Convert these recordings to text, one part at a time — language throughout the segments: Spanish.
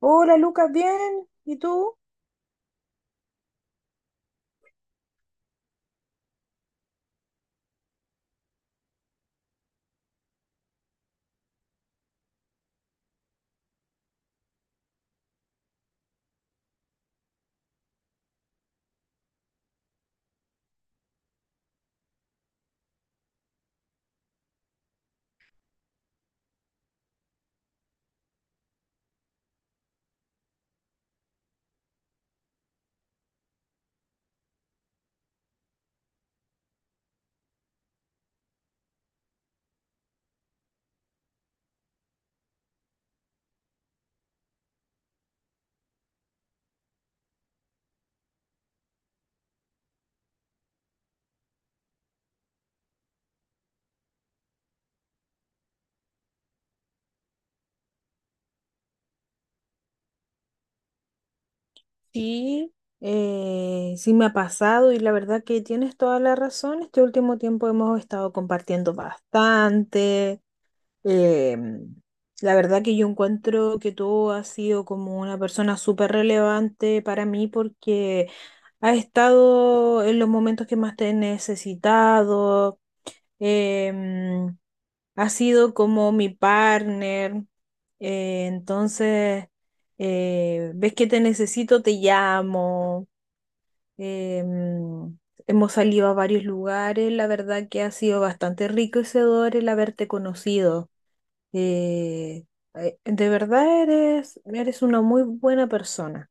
Hola Lucas, bien. ¿Y tú? Sí. Sí me ha pasado y la verdad que tienes toda la razón. Este último tiempo hemos estado compartiendo bastante. Em, la verdad que yo encuentro que tú has sido como una persona súper relevante para mí porque has estado en los momentos que más te he necesitado. Em, Ha sido como mi partner, entonces, ves que te necesito, te llamo. em, Hemos salido a varios lugares. La verdad que ha sido bastante enriquecedor el haberte conocido. eh, de verdad eres una muy buena persona.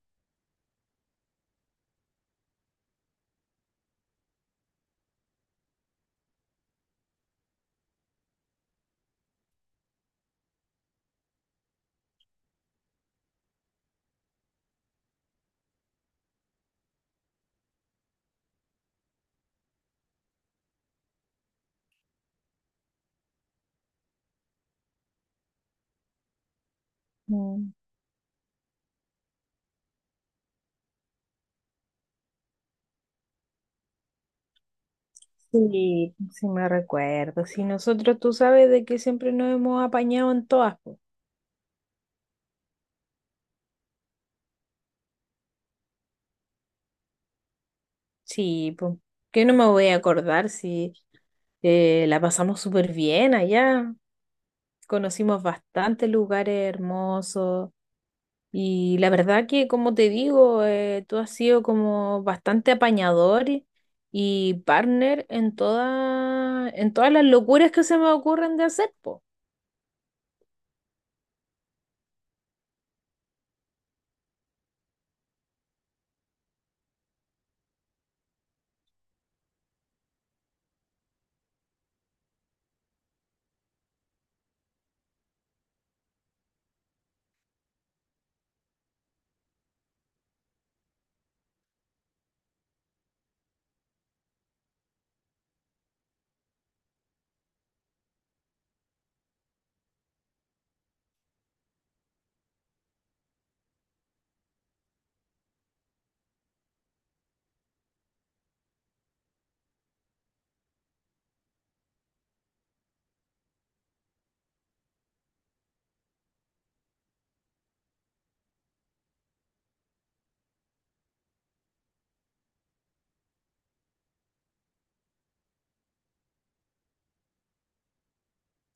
Mm. Sí, sí me recuerdo. Si nosotros, tú sabes de que siempre nos hemos apañado en todas, po. Sí, pues. Que no me voy a acordar si... La pasamos súper bien allá, conocimos bastantes lugares hermosos y la verdad que, como te digo, tú has sido como bastante apañador y partner en todas las locuras que se me ocurren de hacer, po.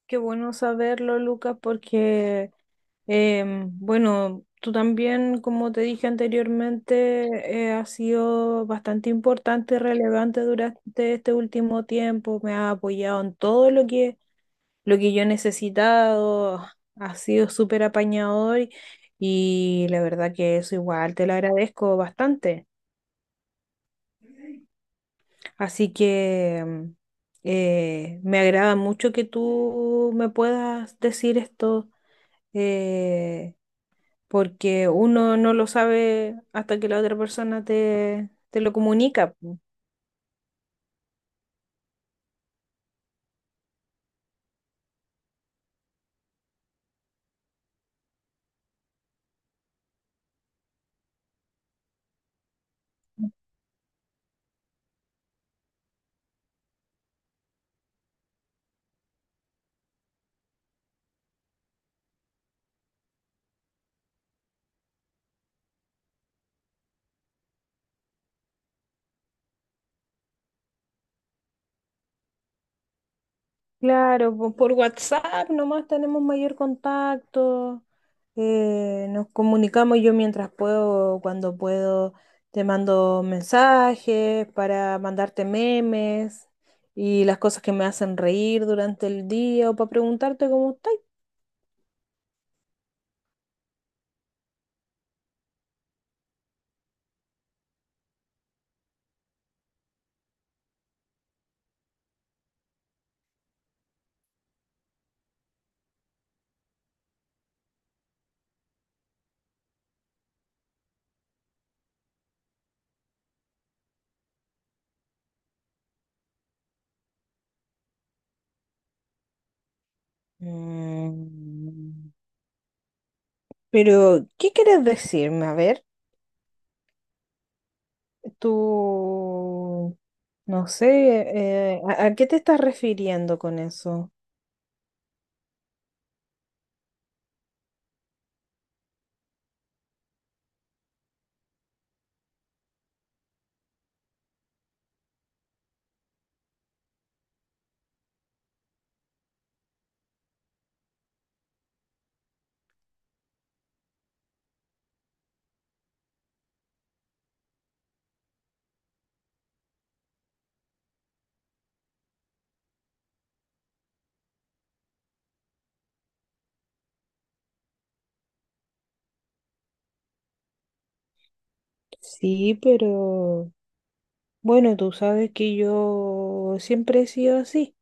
Qué bueno saberlo, Lucas. Porque bueno, tú también, como te dije anteriormente, has sido bastante importante y relevante durante este último tiempo. Me has apoyado en todo lo que yo he necesitado. Has sido súper apañador y la verdad que eso igual te lo agradezco bastante. Así que me agrada mucho que tú me puedas decir esto, eh, porque uno no lo sabe hasta que la otra persona te lo comunica, po. Claro. Por WhatsApp nomás tenemos mayor contacto. Nos comunicamos yo mientras puedo, cuando puedo, te mando mensajes para mandarte memes y las cosas que me hacen reír durante el día o para preguntarte cómo estás. Mm. Pero ¿qué quieres decirme? A ver. Tú, no sé, ¿a qué te estás refiriendo con eso? Sí, pero bueno, tú sabes que yo siempre he sido así.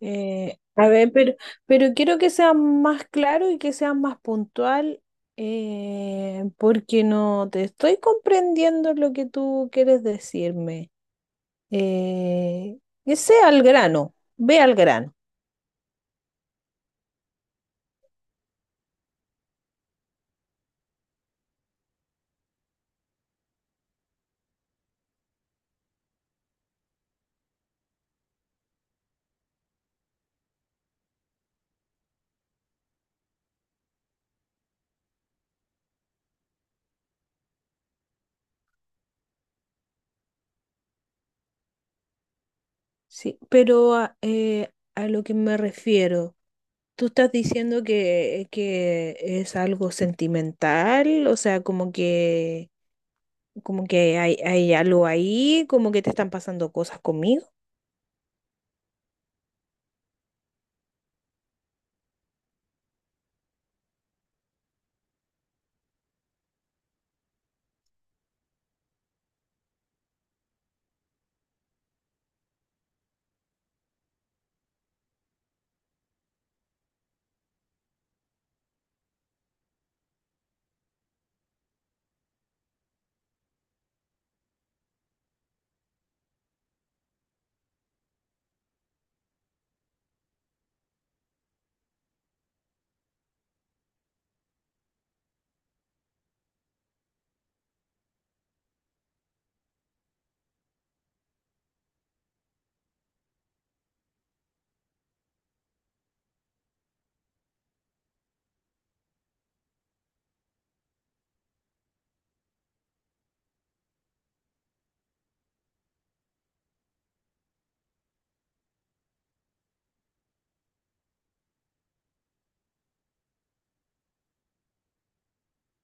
A ver, pero quiero que sea más claro y que sea más puntual, porque no te estoy comprendiendo lo que tú quieres decirme. Eh, que sea al grano, ve al grano. Sí, pero a lo que me refiero, tú estás diciendo que es algo sentimental, o sea, como que hay algo ahí, como que te están pasando cosas conmigo.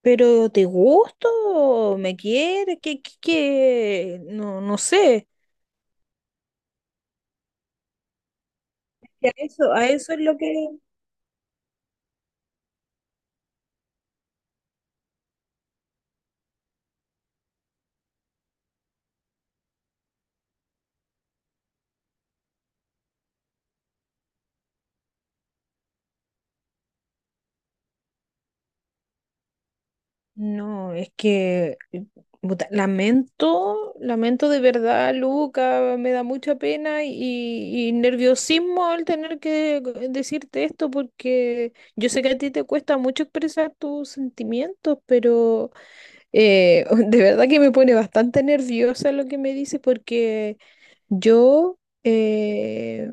Pero ¿te gusto? ¿Me quieres? ¿Qué, qué, qué? No, no sé. Y a eso es lo que... No, es que puta, lamento, lamento de verdad, Luca, me da mucha pena y nerviosismo al tener que decirte esto porque yo sé que a ti te cuesta mucho expresar tus sentimientos, pero de verdad que me pone bastante nerviosa lo que me dices porque yo... eh,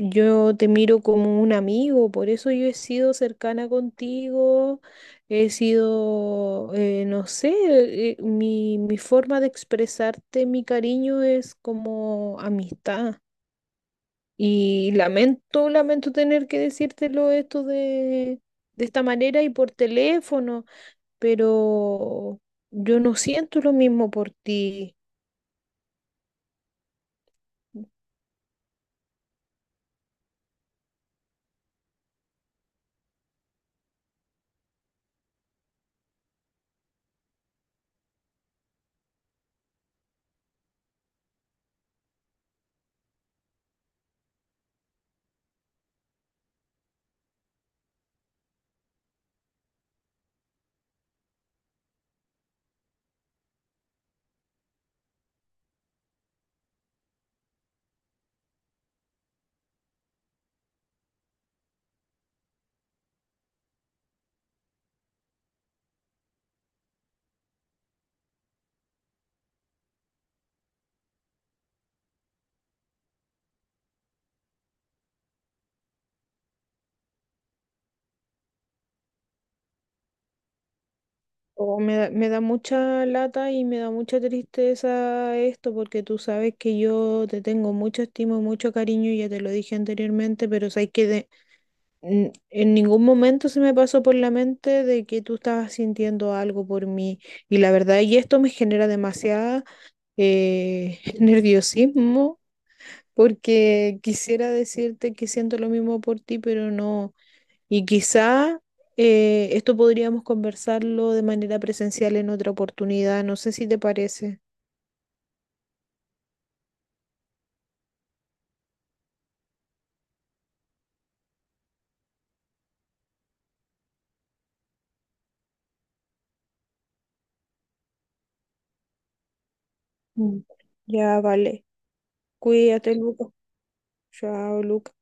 Yo te miro como un amigo, por eso yo he sido cercana contigo, he sido, no sé, mi forma de expresarte mi cariño es como amistad. Y lamento, lamento tener que decírtelo esto de esta manera y por teléfono, pero yo no siento lo mismo por ti. O me da mucha lata y me da mucha tristeza esto porque tú sabes que yo te tengo mucho estima y mucho cariño, ya te lo dije anteriormente, pero sabes que en ningún momento se me pasó por la mente de que tú estabas sintiendo algo por mí. Y la verdad, y esto me genera demasiada nerviosismo porque quisiera decirte que siento lo mismo por ti, pero no. Y quizá esto podríamos conversarlo de manera presencial en otra oportunidad. No sé si te parece. Mm. Ya, vale. Cuídate, Lucas. Chao, Lucas.